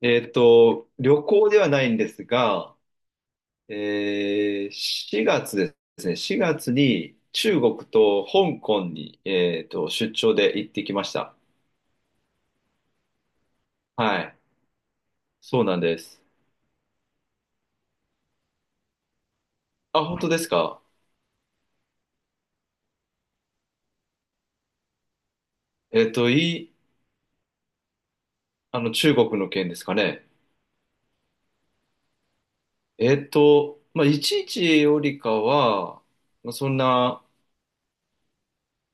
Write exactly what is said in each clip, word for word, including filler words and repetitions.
えっと、旅行ではないんですが、えー、しがつですね、しがつに中国と香港に、えっと、出張で行ってきました。はい。そうなんです。あ、本当ですか？えっと、いい、あの、中国の件ですかね。えっと、まあ、いちいちよりかは、まあ、そんな、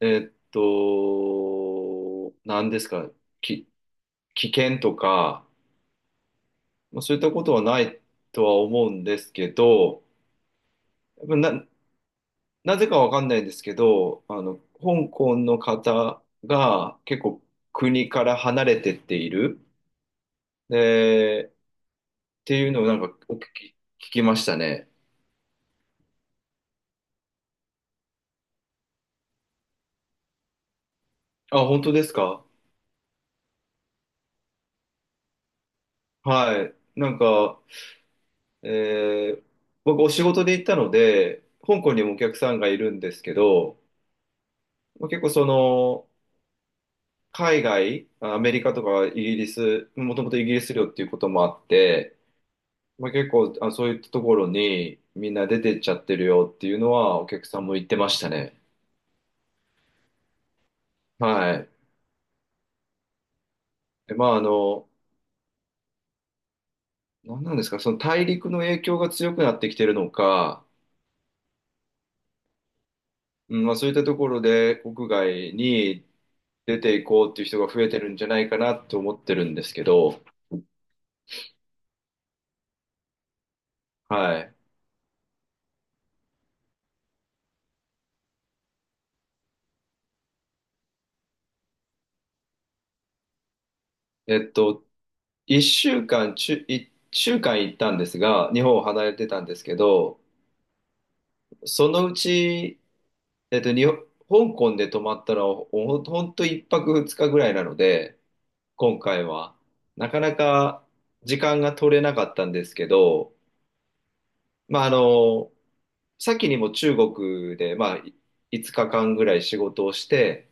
えっと、なんですか、き、危険とか、まあ、そういったことはないとは思うんですけど、な、なぜかわかんないんですけど、あの、香港の方が結構国から離れてっている。で、っていうのをなんかお聞き、聞きましたね。あ、本当ですか？はい。なんか、えー僕お仕事で行ったので、香港にもお客さんがいるんですけど、まあ結構その、海外、アメリカとかイギリス、もともとイギリス領っていうこともあって、まあ、結構、あ、そういったところにみんな出てっちゃってるよっていうのはお客さんも言ってましたね。はい。でまあ、あの、何なんですか、その大陸の影響が強くなってきてるのか、うん、まあ、そういったところで国外に出ていこうっていう人が増えてるんじゃないかなと思ってるんですけど、はい。えっと、いっしゅうかん、ちゅ、いっしゅうかん行ったんですが、日本を離れてたんですけど、そのうちえっと、日本香港で泊まったら、ほほほんといっぱくふつかぐらいなので、今回は、なかなか時間が取れなかったんですけど、まあ、あの、先にも中国で、まあ、いいつかかんぐらい仕事をして、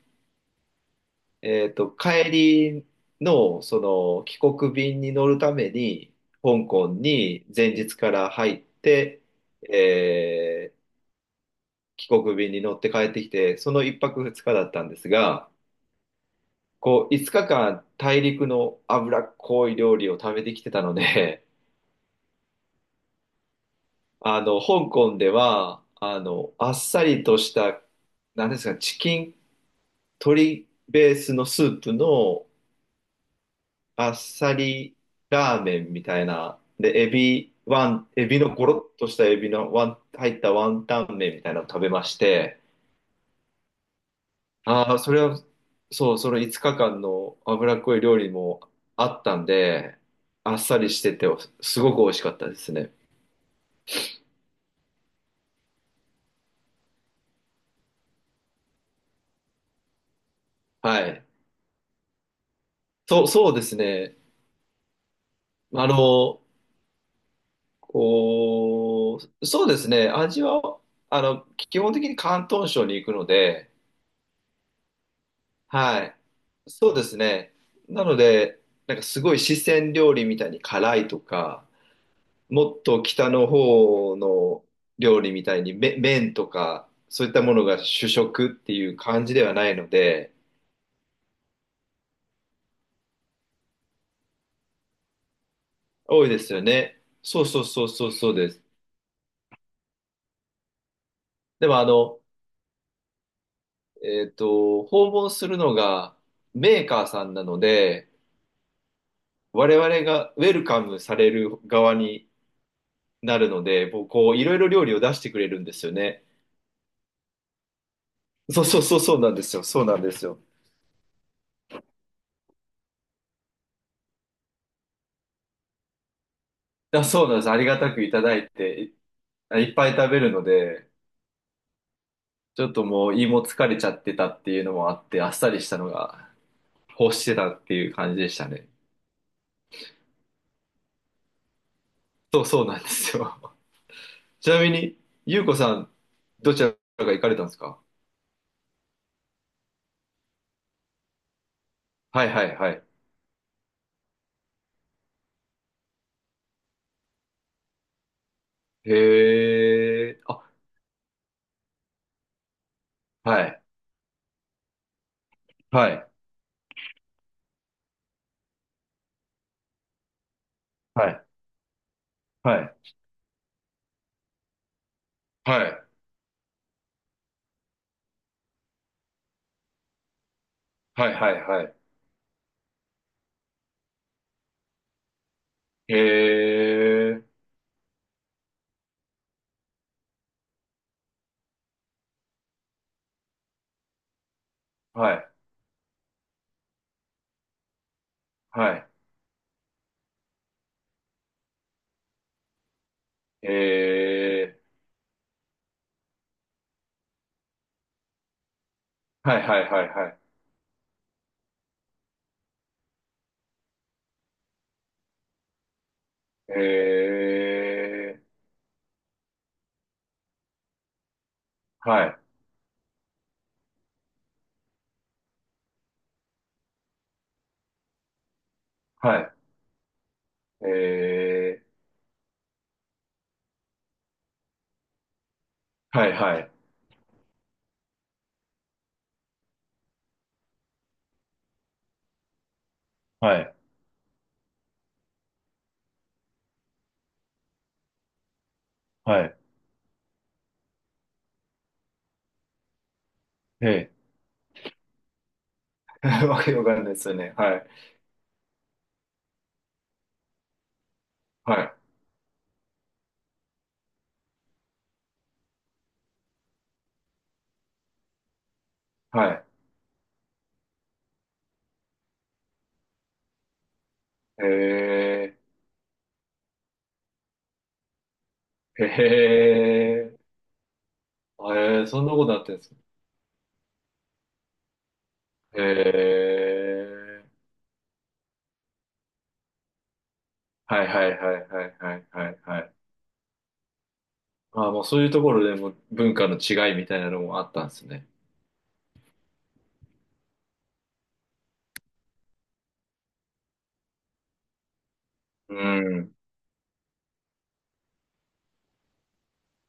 えっと、帰りの、その、帰国便に乗るために、香港に前日から入って、えー帰国便に乗って帰ってきて、そのいっぱくふつかだったんですが、こう、いつかかん大陸の脂っこい料理を食べてきてたので、あの、香港では、あの、あっさりとした、なんですか、チキン、鶏ベースのスープのあっさりラーメンみたいな、で、エビ、ワン、エビのゴロッとしたエビのワン、入ったワンタン麺みたいなのを食べまして、ああ、それは、そう、そのいつかかんの脂っこい料理もあったんで、あっさりしてて、すごく美味しかったですね。はい。そう、そうですね。あの、こう、そうですね。味は、あの、基本的に広東省に行くので、はい。そうですね。なので、なんかすごい四川料理みたいに辛いとか、もっと北の方の料理みたいにめ麺とかそういったものが主食っていう感じではないので多いですよね。そうそうそうそうそうです。でもあの、えっと、訪問するのがメーカーさんなので我々がウェルカムされる側になるのでもうこういろいろ料理を出してくれるんですよね。そうそうそうそうなんですよ。そうなんですよ。あ、そうなんです。ありがたくいただいていいっぱい食べるので。ちょっともう胃も疲れちゃってたっていうのもあって、あっさりしたのが欲してたっていう感じでしたね。そうそうなんですよ。ちなみに、ゆうこさん、どちらが行かれたんですか？はいはいはい。へえ、あ、はい、はい、はい、はい、はい、はい、はい、はい。へえ、はい、はい、へえ、はい、はい、はい、はい。へえ、はい、はい、へえ、はい、はい、はい、はい。へえ わけわかんないですよね。はい。はい。はい。へえ。へえ。へえ、そんなことなってるんですか？へえ。はいはいはいはいはいはいはい。ああ、もうそういうところでも文化の違いみたいなのもあったんですね。うん。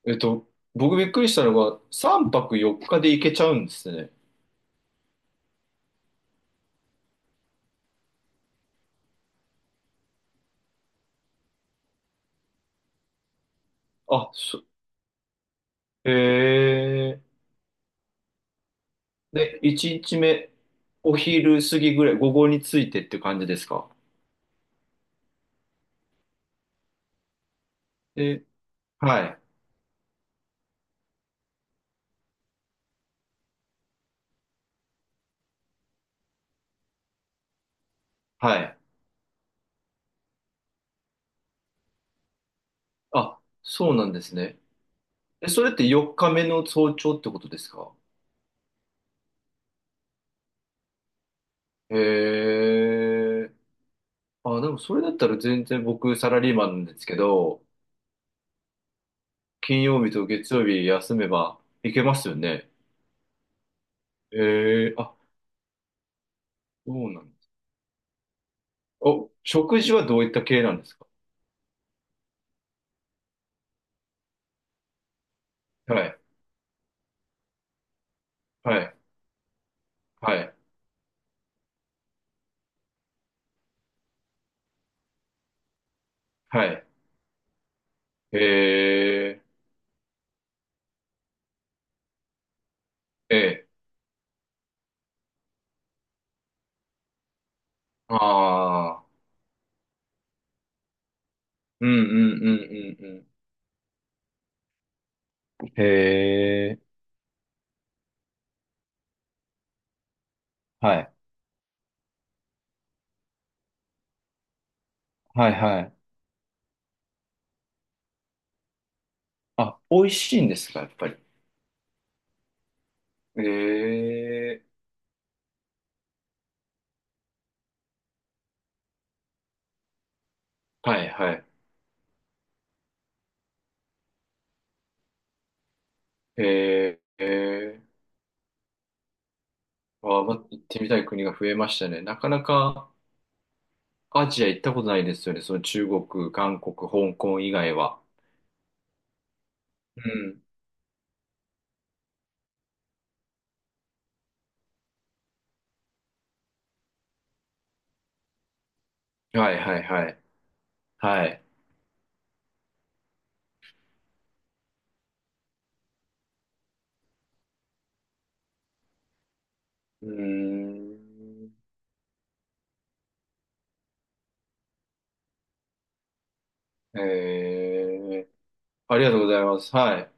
えっと、僕びっくりしたのが、さんぱくよっかで行けちゃうんですね。あ、そ、へえ。で、いちにちめ、お昼過ぎぐらい、午後についてって感じですか？で、はい。はい。あ、そうなんですね。え、それってよっかめの早朝ってことですか？へえ。あ、でもそれだったら全然僕サラリーマンなんですけど、金曜日と月曜日休めばいけますよね。へえ、あ、そうなんです。お、食事はどういった系なんですか？はい、はい、はい、はい。へえ、ええ、ああ、うんうんうんうんうん。へえ、はい、はい、はい。あ、美味しいんですか、やっぱり。ええはいはい。えー、えー、あー、ま、行ってみたい国が増えましたね。なかなかアジア行ったことないですよね。その中国、韓国、香港以外は。うん。はいはいはい。はい。うーん。ええありがとうございます。はい。